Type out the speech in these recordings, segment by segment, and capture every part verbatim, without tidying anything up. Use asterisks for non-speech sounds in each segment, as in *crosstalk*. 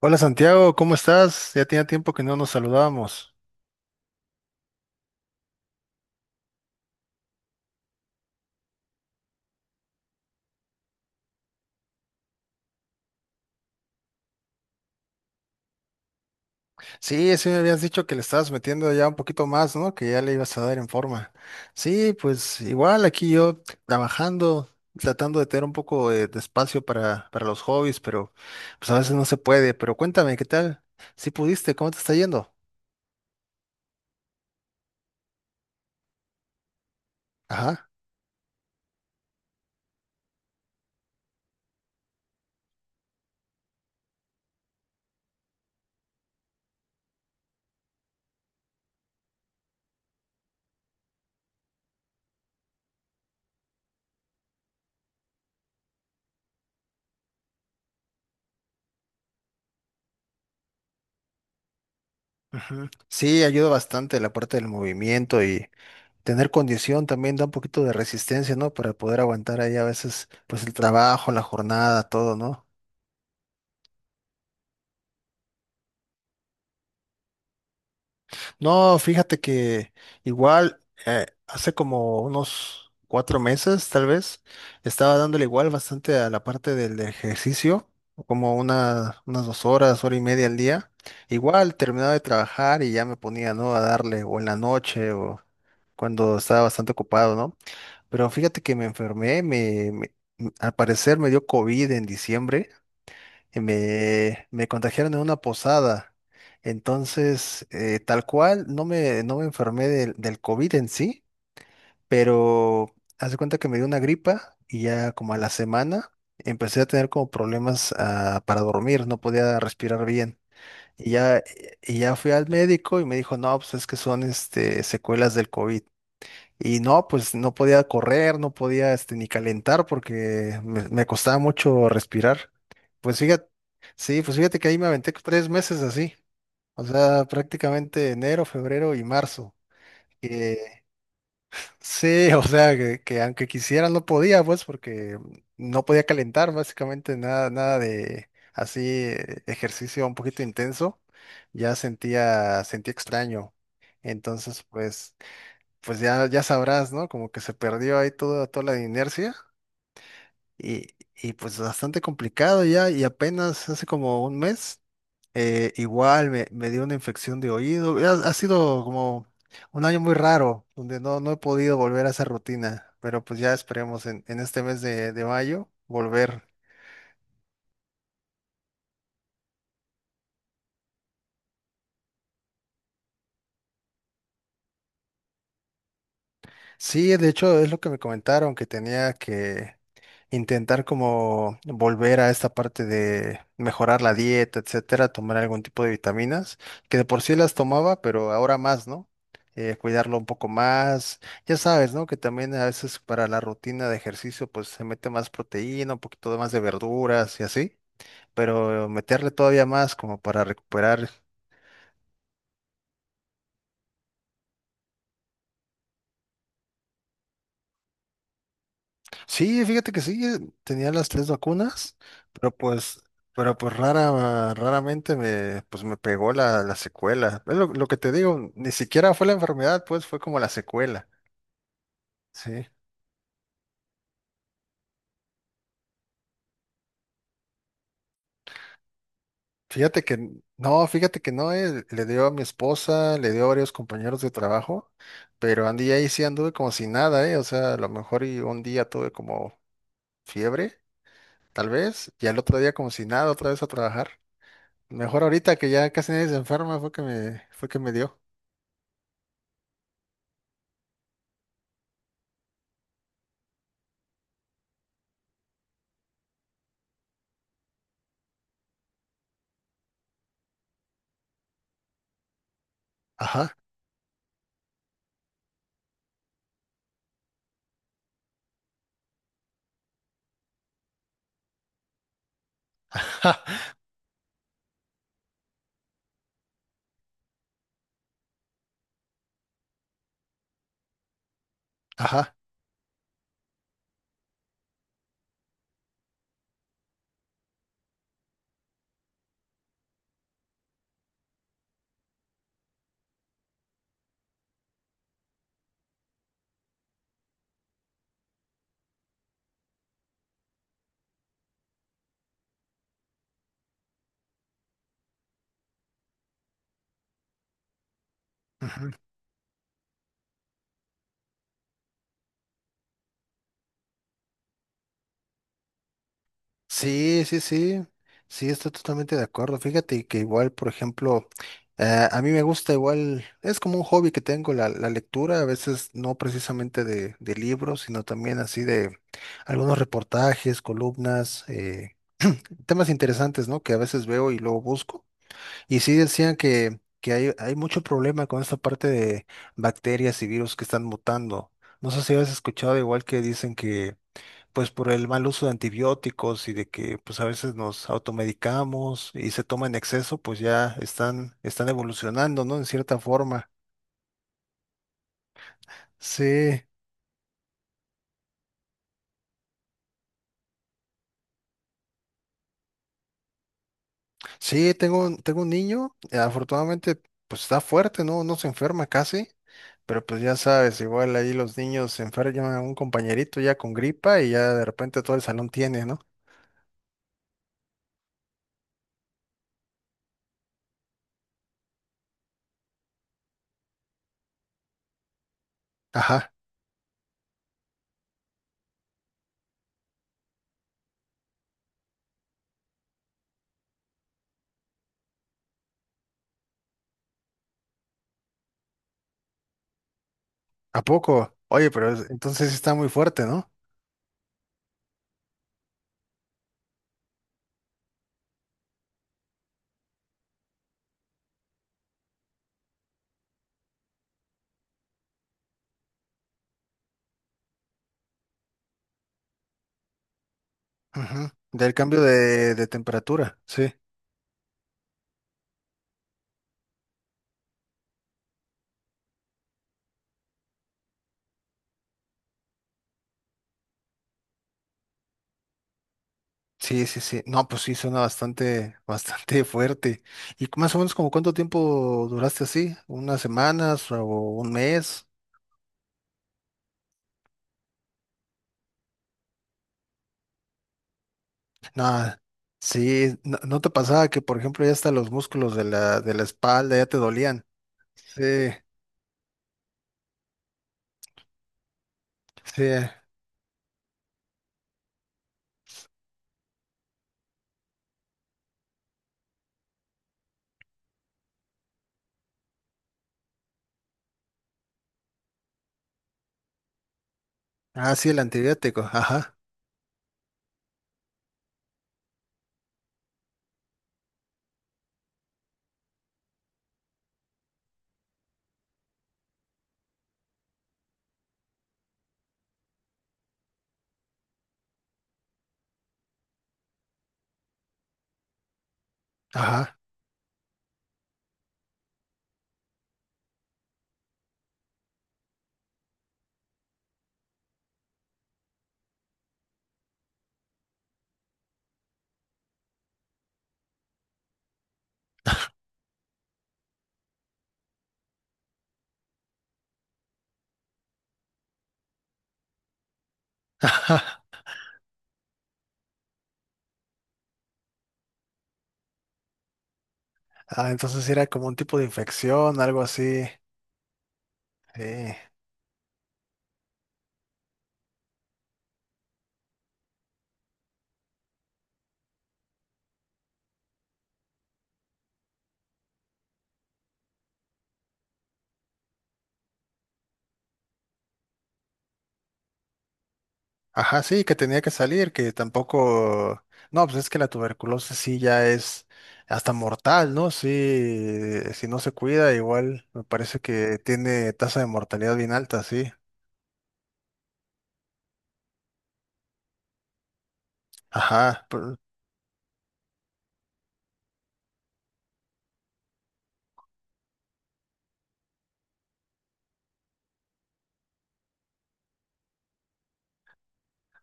Hola Santiago, ¿cómo estás? Ya tenía tiempo que no nos saludábamos. Sí, sí me habías dicho que le estabas metiendo ya un poquito más, ¿no? Que ya le ibas a dar en forma. Sí, pues igual aquí yo trabajando, tratando de tener un poco de, de espacio para, para los hobbies, pero pues a veces no se puede. Pero cuéntame, ¿qué tal? ¿Si pudiste? ¿Cómo te está yendo? Ajá. Ujú. Sí, ayuda bastante la parte del movimiento y tener condición también da un poquito de resistencia, ¿no? Para poder aguantar ahí a veces, pues el trabajo, la jornada, todo, ¿no? No, fíjate que igual eh, hace como unos cuatro meses, tal vez, estaba dándole igual bastante a la parte del ejercicio, como una, unas dos horas, hora y media al día. Igual terminaba de trabajar y ya me ponía, ¿no? A darle, o en la noche, o cuando estaba bastante ocupado, ¿no? Pero fíjate que me enfermé, me, me- al parecer me dio COVID en diciembre y me, me contagiaron en una posada. Entonces, eh, tal cual, no me, no me enfermé del, del COVID en sí, pero haz de cuenta que me dio una gripa y ya como a la semana empecé a tener como problemas ah, para dormir, no podía respirar bien. Y ya, y ya fui al médico y me dijo, no, pues es que son este, secuelas del COVID. Y no, pues no podía correr, no podía este, ni calentar porque me me costaba mucho respirar. Pues fíjate, sí, pues fíjate que ahí me aventé tres meses así, o sea, prácticamente enero, febrero y marzo. Que sí, *laughs* o sea, que, que aunque quisiera no podía, pues, porque no podía calentar básicamente nada, nada de así eh, ejercicio un poquito intenso, ya sentía, sentía extraño. Entonces, pues, pues ya, ya sabrás, ¿no? Como que se perdió ahí toda, toda la inercia. Y, y pues bastante complicado ya, y apenas hace como un mes, eh, igual me, me dio una infección de oído. Ha, ha sido como un año muy raro, donde no, no he podido volver a esa rutina, pero pues ya esperemos en, en este mes de, de mayo volver. Sí, de hecho es lo que me comentaron, que tenía que intentar como volver a esta parte de mejorar la dieta, etcétera, tomar algún tipo de vitaminas, que de por sí las tomaba, pero ahora más, ¿no? Eh, cuidarlo un poco más. Ya sabes, ¿no? Que también a veces para la rutina de ejercicio, pues se mete más proteína, un poquito más de verduras y así, pero meterle todavía más como para recuperar. Sí, fíjate que sí, eh, tenía las tres vacunas, pero pues, pero pues rara, raramente me, pues me pegó la, la secuela. Es lo, lo que te digo, ni siquiera fue la enfermedad, pues fue como la secuela. Sí. Fíjate que, n- no, fíjate que no, eh, le dio a mi esposa, le dio a varios compañeros de trabajo, pero Andy ahí sí anduve como si nada, eh. O sea, a lo mejor y un día tuve como fiebre, tal vez, y al otro día como si nada, otra vez a trabajar. Mejor ahorita que ya casi nadie se enferma fue que me, fue que me dio. Ajá, ajá, ajá. Ujú. Sí, sí, sí, sí, estoy totalmente de acuerdo. Fíjate que igual, por ejemplo, eh, a mí me gusta igual, es como un hobby que tengo la, la lectura, a veces no precisamente de, de libros, sino también así de algunos reportajes, columnas, eh, temas interesantes, ¿no? Que a veces veo y luego busco. Y sí decían que, que hay, hay mucho problema con esta parte de bacterias y virus que están mutando. No sé si habías escuchado igual que dicen que pues por el mal uso de antibióticos y de que pues a veces nos automedicamos y se toma en exceso, pues ya están, están evolucionando, ¿no? En cierta forma. Sí, sí, tengo, un- tengo un niño, eh, afortunadamente pues está fuerte, ¿no? No se enferma casi, pero pues ya sabes, igual ahí los niños se enferman a un compañerito ya con gripa y ya de repente todo el salón tiene, ¿no? Ajá, ¿a poco? Oye, pero es... entonces sí está muy fuerte, ¿no? Ujú. Del cambio de, de temperatura, sí. Sí, sí, sí. No, pues sí, suena bastante, *laughs* bastante fuerte. ¿Y más o menos como cuánto tiempo duraste así? ¿Unas semanas o un mes? Nada. Sí, no, ¿no te pasaba que, por ejemplo, ya hasta los músculos de la, de la espalda ya te dolían? Sí, sí. Ah, sí, el antibiótico. Ajá, ajá. *laughs* Ah, entonces era como un tipo de infección, algo así. Sí. Ajá, sí, que tenía que salir, que tampoco... No, pues es que la tuberculosis sí ya es hasta mortal, ¿no? Sí, si no se cuida, igual me parece que tiene tasa de mortalidad bien alta, sí. Ajá, pero...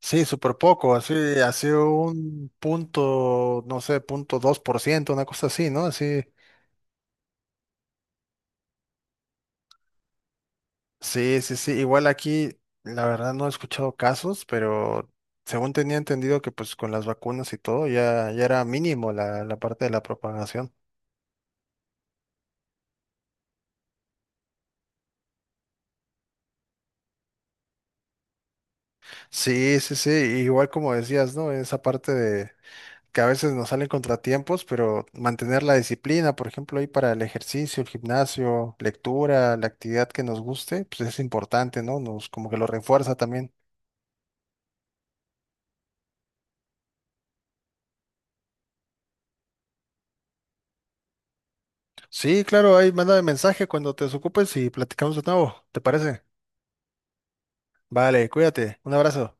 sí, súper poco, así, así un punto, no sé, punto dos por ciento, una cosa así, ¿no? Así, sí, sí, sí, igual aquí, la verdad no he escuchado casos, pero... Según tenía entendido que pues con las vacunas y todo ya, ya era mínimo la, la parte de la propagación. Sí, sí, sí, igual como decías, ¿no? Esa parte de que a veces nos salen contratiempos, pero mantener la disciplina, por ejemplo, ahí para el ejercicio, el gimnasio, lectura, la actividad que nos guste, pues es importante, ¿no? Nos como que lo refuerza también. Sí, claro, ahí manda mensaje cuando te desocupes y platicamos de nuevo, ¿te parece? Vale, cuídate, un abrazo.